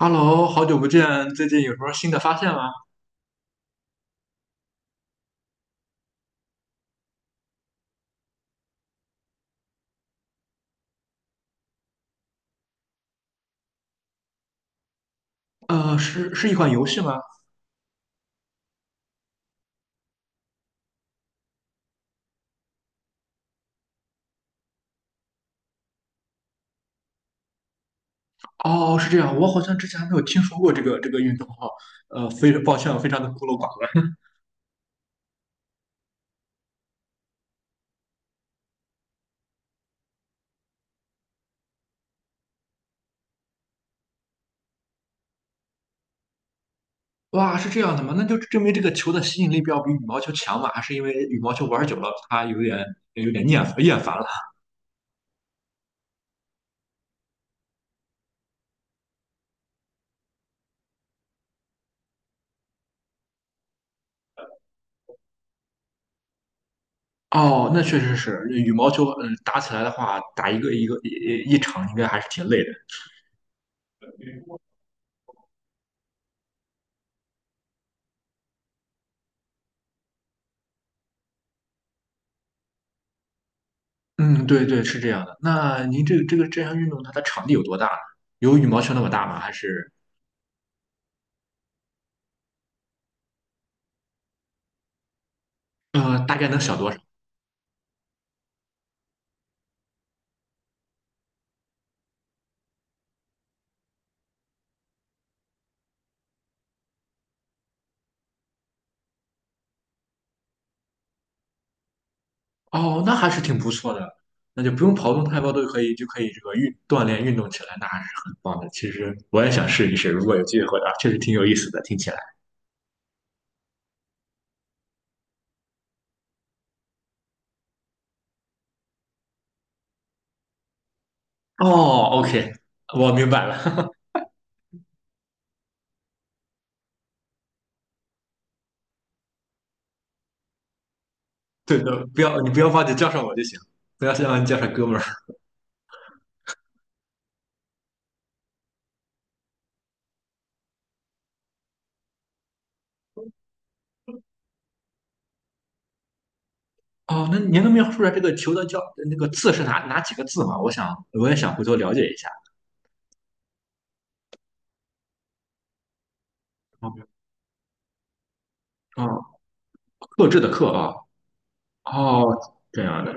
Hello，好久不见，最近有什么新的发现吗？是一款游戏吗？哦，是这样，我好像之前还没有听说过这个运动哈，非常 抱歉，我非常的孤陋寡闻。哇，是这样的吗？那就证明这个球的吸引力要比羽毛球强嘛？还是因为羽毛球玩久了，它有点厌烦了？哦，那确实是，羽毛球，打起来的话，打一个一个一一场应该还是挺累的。嗯，对对，是这样的。那您这项运动它的场地有多大呢？有羽毛球那么大吗？还是？大概能小多少？哦，那还是挺不错的，那就不用跑动太多，都可以就可以这个运锻炼运动起来，那还是很棒的。其实我也想试一试，如果有机会的话，确实挺有意思的，听起来。哦，OK，我明白了。对的，不要你不要忘记叫上我就行，不要忘记叫上哥们儿。哦，那您能描述出来这个球的叫那个字是哪几个字吗？我也想回头了解一下。哦哦克制的克啊，哦，这样的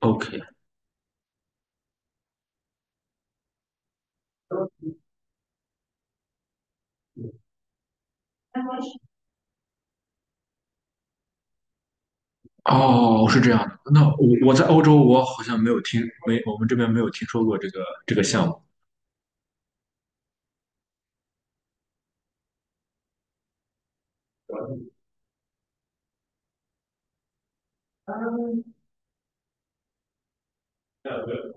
，OK。哦，是这样的。那我在欧洲，我好像没有听，没我们这边没有听说过这个项目。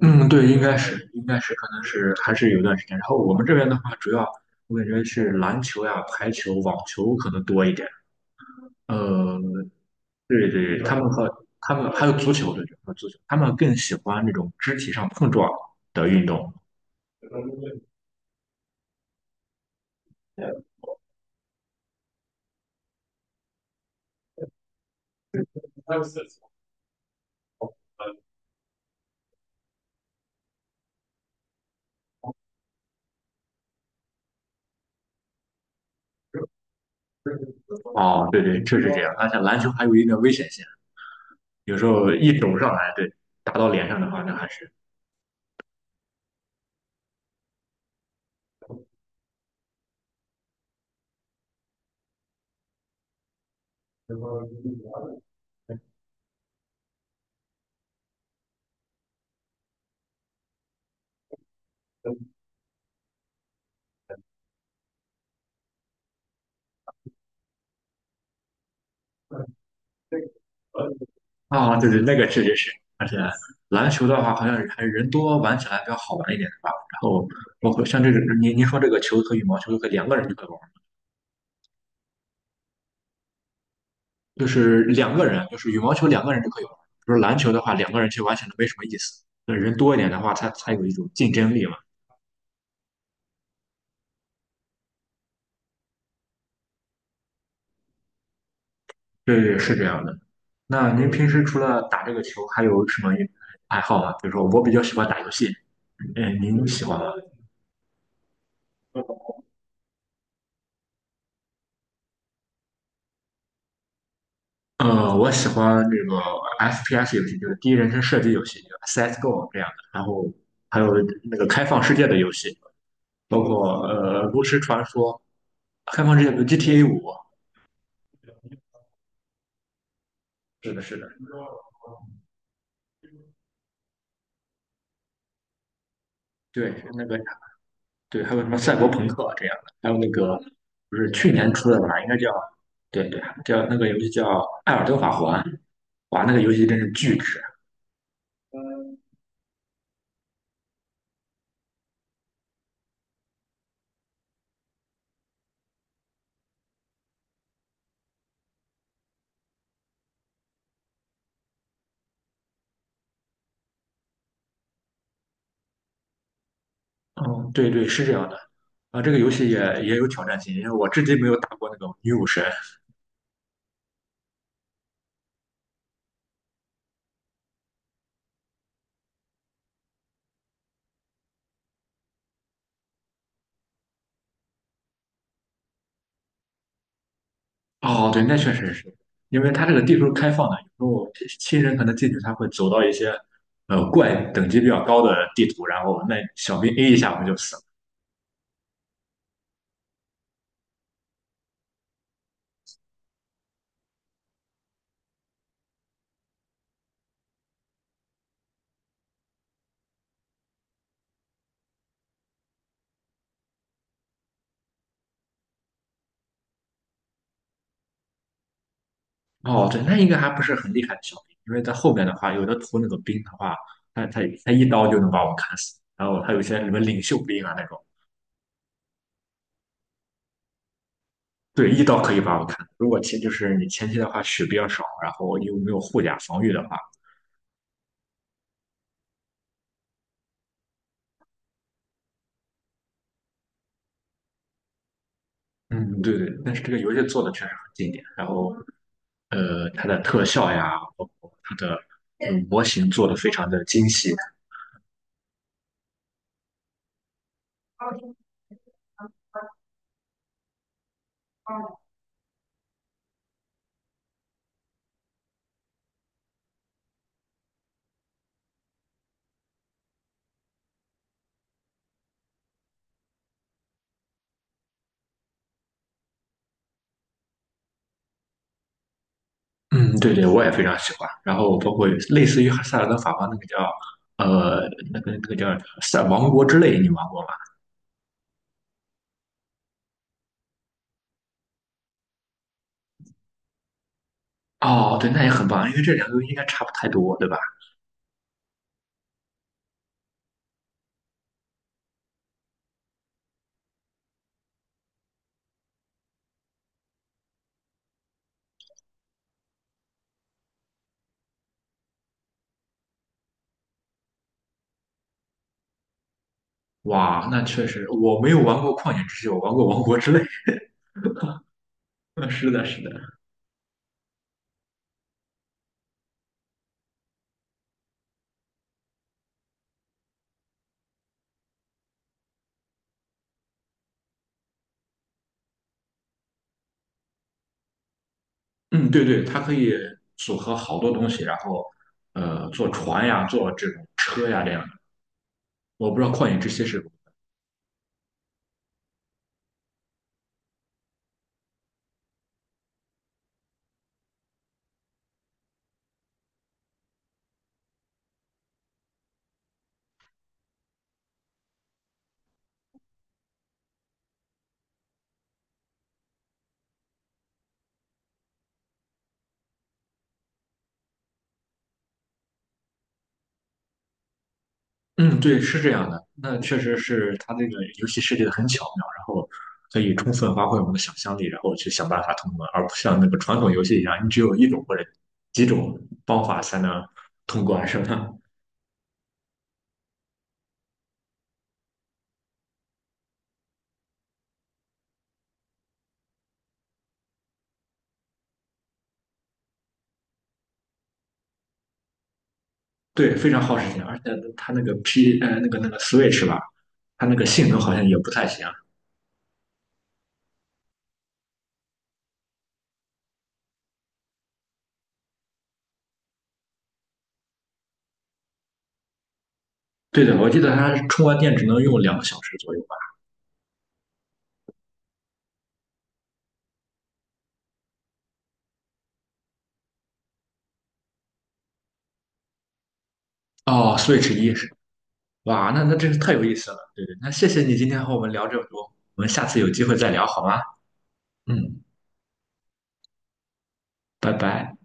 嗯，对，应该是，可能是还是有段时间。然后我们这边的话，主要我感觉是篮球呀、排球、网球可能多一点。呃，对对，他们还有足球，对对，还有足球，他们更喜欢那种肢体上碰撞的运动。哦，对对，确实这样。而且篮球还有一定的危险性，有时候一肘上来，对，打到脸上的话，那还是。啊，对对，那个确实是，而且篮球的话，好像还是人多玩起来比较好玩一点，是吧？然后包括像这个，您说这个球和羽毛球都可以两个人就可以玩，就是两个人，就是羽毛球两个人就可以玩。比如篮球的话，两个人其实玩起来没什么意思，那人多一点的话，它才有一种竞争力嘛。对对，是这样的。那您平时除了打这个球，还有什么爱好吗？比如说，我比较喜欢打游戏，您喜欢吗？我喜欢这个 FPS 游戏，就是第一人称射击游戏，CS:GO 这样的，然后还有那个开放世界的游戏，包括《炉石传说》、开放世界的 GTA 五，是的，是的，对，对，还有什么赛博朋克这样的，还有那个不是去年出的吧，应该叫对对，那个游戏叫《艾尔登法环》，哇，那个游戏真是巨值。嗯，对对，是这样的啊，这个游戏也有挑战性，因为我至今没有打过那种女武神，哦，对，那确实是，因为它这个地图开放的，有时候新人可能进去，他会走到一些怪等级比较高的地图，然后那小兵 A 一下我们就死了。哦，对，那应该还不是很厉害的小兵，因为在后面的话，有的图那个兵的话，他一刀就能把我砍死，然后他有些什么领袖兵啊那种，对，一刀可以把我砍。如果前就是你前期的话血比较少，然后又没有护甲防御的话，嗯，对对，但是这个游戏做的确实很经典，然后。它的特效呀，包括它的模型做的非常的精细。嗯，对对，我也非常喜欢。然后包括类似于《塞尔达法王那个叫呃那个叫《塞王国之泪》，你玩过吗？哦，对，那也很棒，因为这两个应该差不太多，对吧？哇，那确实，我没有玩过《旷野之息》，我玩过《王国之泪》是的，是的，嗯，对对，它可以组合好多东西，然后坐船呀，坐这种车呀，这样。我不知道《旷野之息》是不，嗯，对，是这样的。那确实是它这个游戏设计的很巧妙，然后可以充分发挥我们的想象力，然后去想办法通关，而不像那个传统游戏一样，你只有一种或者几种方法才能通关，是吧？对，非常耗时间，而且它那个 那个 Switch 吧，它那个性能好像也不太行。对的，我记得它充完电只能用2个小时左右吧。哦，Switch 哇，那真是太有意思了。对对，那谢谢你今天和我们聊这么多，我们下次有机会再聊好吗？嗯，拜拜。